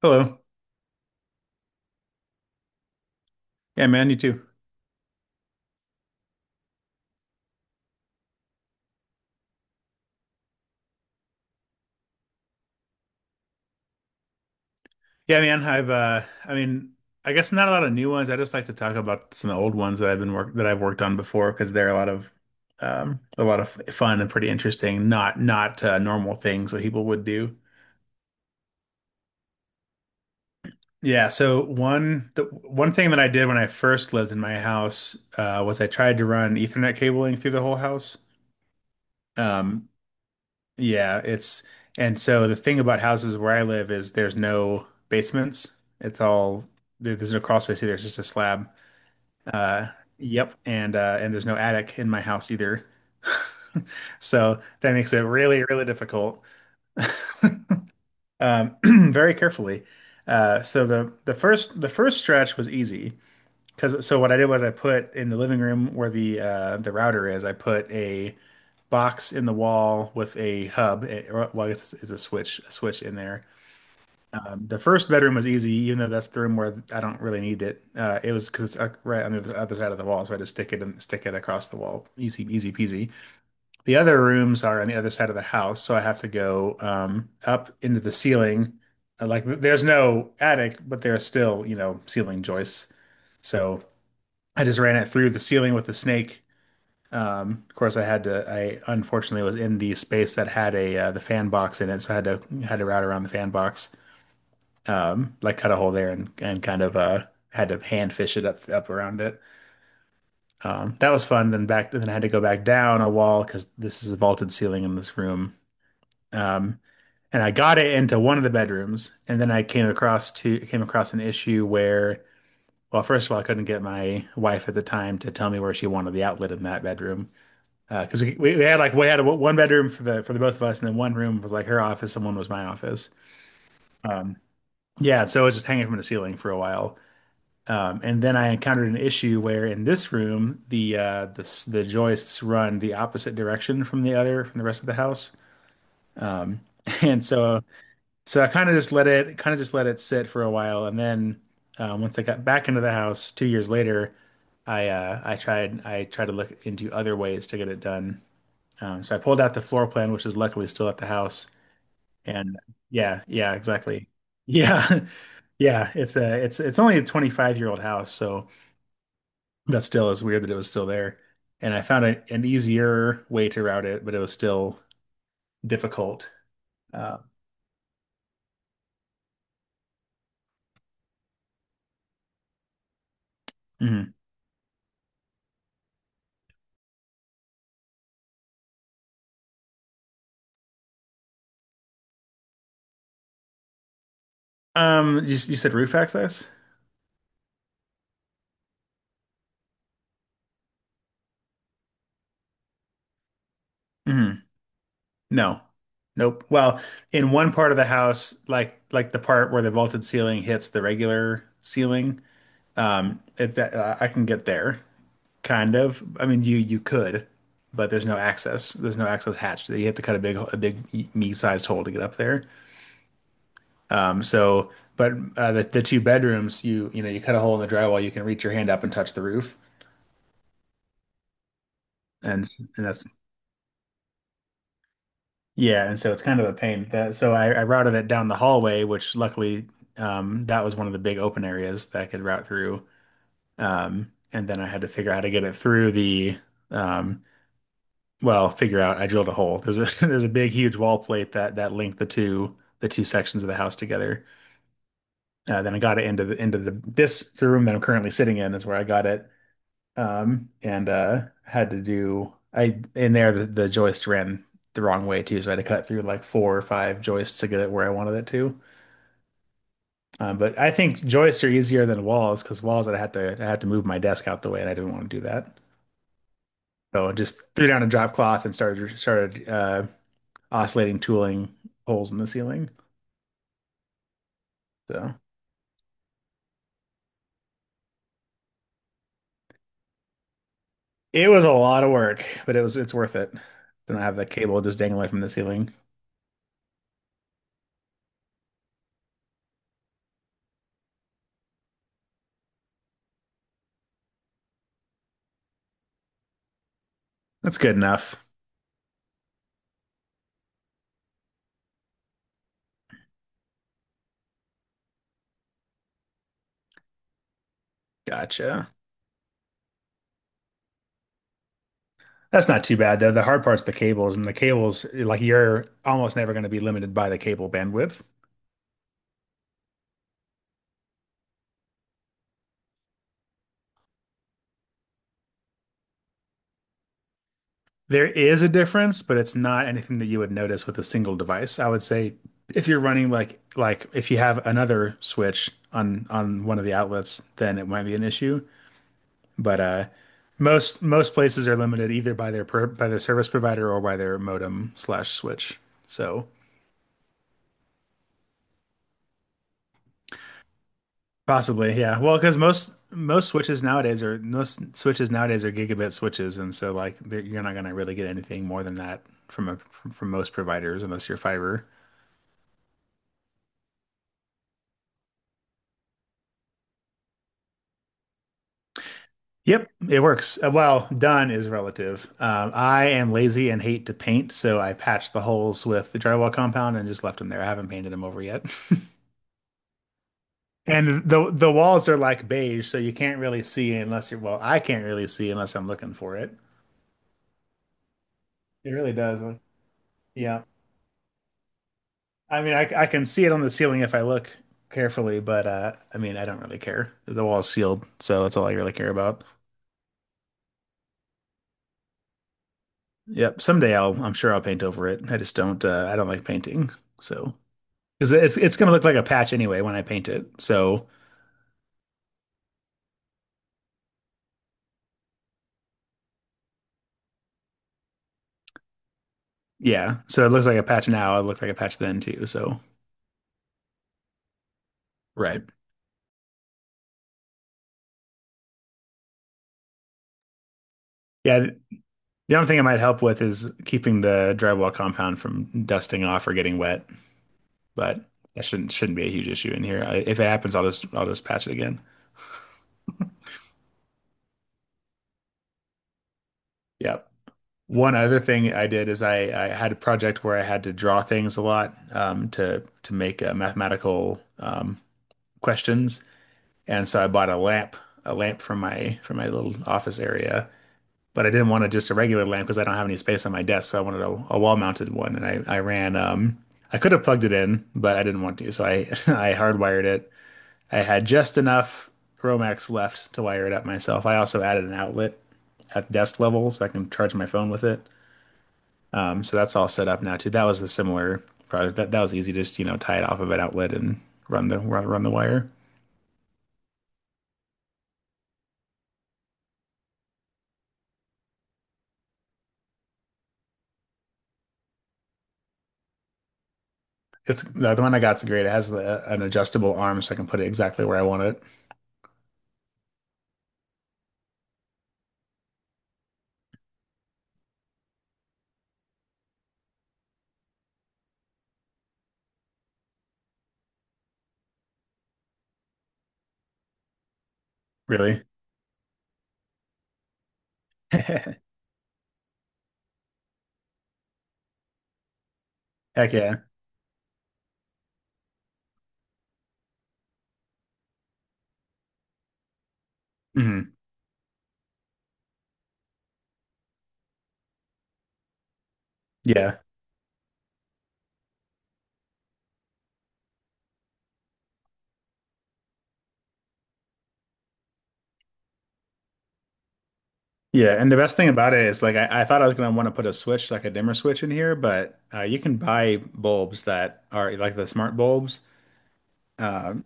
Hello. Yeah, man, you too. Yeah, man, I mean, I guess not a lot of new ones. I just like to talk about some old ones that I've worked on before because they're a lot of fun and pretty interesting, not normal things that people would do. Yeah, so one the one thing that I did when I first lived in my house was I tried to run Ethernet cabling through the whole house. Um Yeah, it's and so the thing about houses where I live is there's no basements. It's all there's no crawl space either. It's just a slab. Uh, yep, and and there's no attic in my house either. So that makes it really, really difficult. Um, Very carefully. So the first stretch was easy because so what I did was I put in the living room where the the router is. I put a box in the wall with a hub, or well, I guess it's a switch in there. The first bedroom was easy, even though that's the room where I don't really need it. It was because it's right on the other side of the wall, so I just stick it and stick it across the wall. Easy, easy peasy. The other rooms are on the other side of the house, so I have to go up into the ceiling. Like there's no attic, but there's still, ceiling joists. So I just ran it through the ceiling with the snake. Of course, I had to. I unfortunately was in the space that had a the fan box in it, so I had to route around the fan box, like cut a hole there, and kind of had to hand fish it up around it. That was fun. Then back then I had to go back down a wall because this is a vaulted ceiling in this room. Um, and I got it into one of the bedrooms, and then I came across an issue where, well, first of all, I couldn't get my wife at the time to tell me where she wanted the outlet in that bedroom. Because we had one bedroom for the both of us, and then one room was like her office, and one was my office. Um, yeah, so it was just hanging from the ceiling for a while. And then I encountered an issue where in this room the joists run the opposite direction from the rest of the house. Um, and so I kind of just let it sit for a while, and then, once I got back into the house 2 years later, I tried to look into other ways to get it done. So I pulled out the floor plan, which is luckily still at the house. And yeah, yeah, exactly. Yeah, yeah. It's only a 25-year-old house, so. That still is weird that it was still there. And I found an easier way to route it, but it was still difficult. Uh, mhm. You said roof access? Hmm. No. Nope. Well, in one part of the house, like the part where the vaulted ceiling hits the regular ceiling, I can get there, kind of. I mean, you could, but there's no access. There's no access hatch. You have to cut a big me-sized hole to get up there. Um, so, but the two bedrooms, you cut a hole in the drywall, you can reach your hand up and touch the roof, and and that's yeah, and so it's kind of a pain. That so I routed it down the hallway, which luckily, that was one of the big open areas that I could route through. And then I had to figure out how to get it through the, um, well, figure out. I drilled a hole. There's a there's a big huge wall plate that linked the two sections of the house together. Then I got it into the into the room that I'm currently sitting in is where I got it, and had to do I in there the joist ran the wrong way too, so I had to cut through like four or five joists to get it where I wanted it to. But I think joists are easier than walls because walls I had to move my desk out the way, and I didn't want to do that. So I just threw down a drop cloth and started oscillating tooling holes in the ceiling. So it was a lot of work, but it's worth it. Then I have the cable just dangling from the ceiling. That's good enough. Gotcha. That's not too bad though. The hard part's the cables, and the cables, like you're almost never going to be limited by the cable bandwidth. There is a difference, but it's not anything that you would notice with a single device. I would say if you're running like if you have another switch on one of the outlets, then it might be an issue. But most places are limited either by their service provider or by their modem slash switch. So possibly, yeah. Well, because most switches nowadays are gigabit switches, and so like you're not gonna really get anything more than that from most providers unless you're fiber. Yep, it works. Well, done is relative. I am lazy and hate to paint, so I patched the holes with the drywall compound and just left them there. I haven't painted them over yet. And the walls are like beige, so you can't really see unless well, I can't really see unless I'm looking for it. It really does. Yeah. I mean, I can see it on the ceiling if I look carefully, but I mean, I don't really care. The wall's sealed, so that's all I really care about. Yep. Someday I'm sure I'll paint over it. I don't like painting. So, because it's going to look like a patch anyway when I paint it. So, yeah. So it looks like a patch now. It looked like a patch then too. So, right. Yeah. The only thing it might help with is keeping the drywall compound from dusting off or getting wet, but that shouldn't be a huge issue in here. If it happens, I'll just patch it again. Yeah. One other thing I did is I had a project where I had to draw things a lot, to make mathematical questions, and so I bought a lamp from my little office area. But I didn't want to just a regular lamp because I don't have any space on my desk, so I wanted a wall mounted one. And I ran. I could have plugged it in, but I didn't want to, so I I hardwired it. I had just enough Romax left to wire it up myself. I also added an outlet at desk level so I can charge my phone with it. So that's all set up now too. That was the similar project. That was easy. Just tie it off of an outlet and run the wire. It's the one I got's great. It has the, an adjustable arm, so I can put it exactly where I want it. Really? Heck yeah. Hmm. Yeah. Yeah. And the best thing about it is like I thought I was gonna want to put a switch, like a dimmer switch in here, but you can buy bulbs that are like the smart bulbs. Um,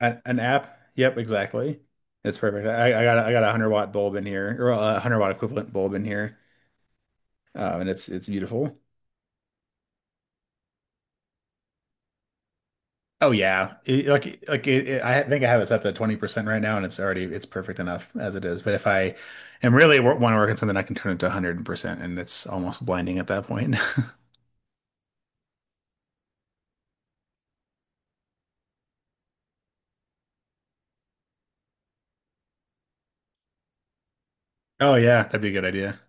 an app. Yep, exactly. It's perfect. I got 100 watt bulb in here, or 100 watt equivalent bulb in here, and it's beautiful. Oh yeah, I think I have it set to 20% right now, and it's already it's perfect enough as it is. But if I am really want to work on something, I can turn it to 100%, and it's almost blinding at that point. Oh yeah, that'd be a good idea.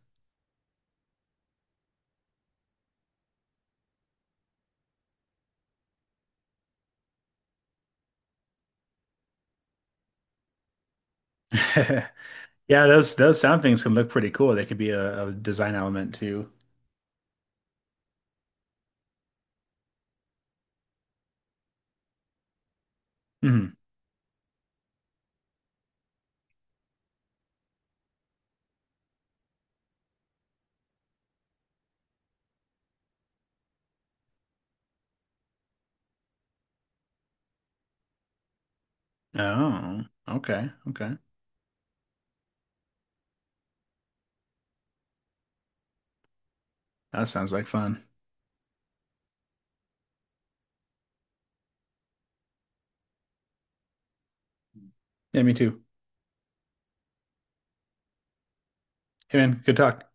Yeah, those sound things can look pretty cool. They could be a design element too. Mhm. Oh, okay, okay. That sounds like fun. Yeah, me too. Hey man, good talk.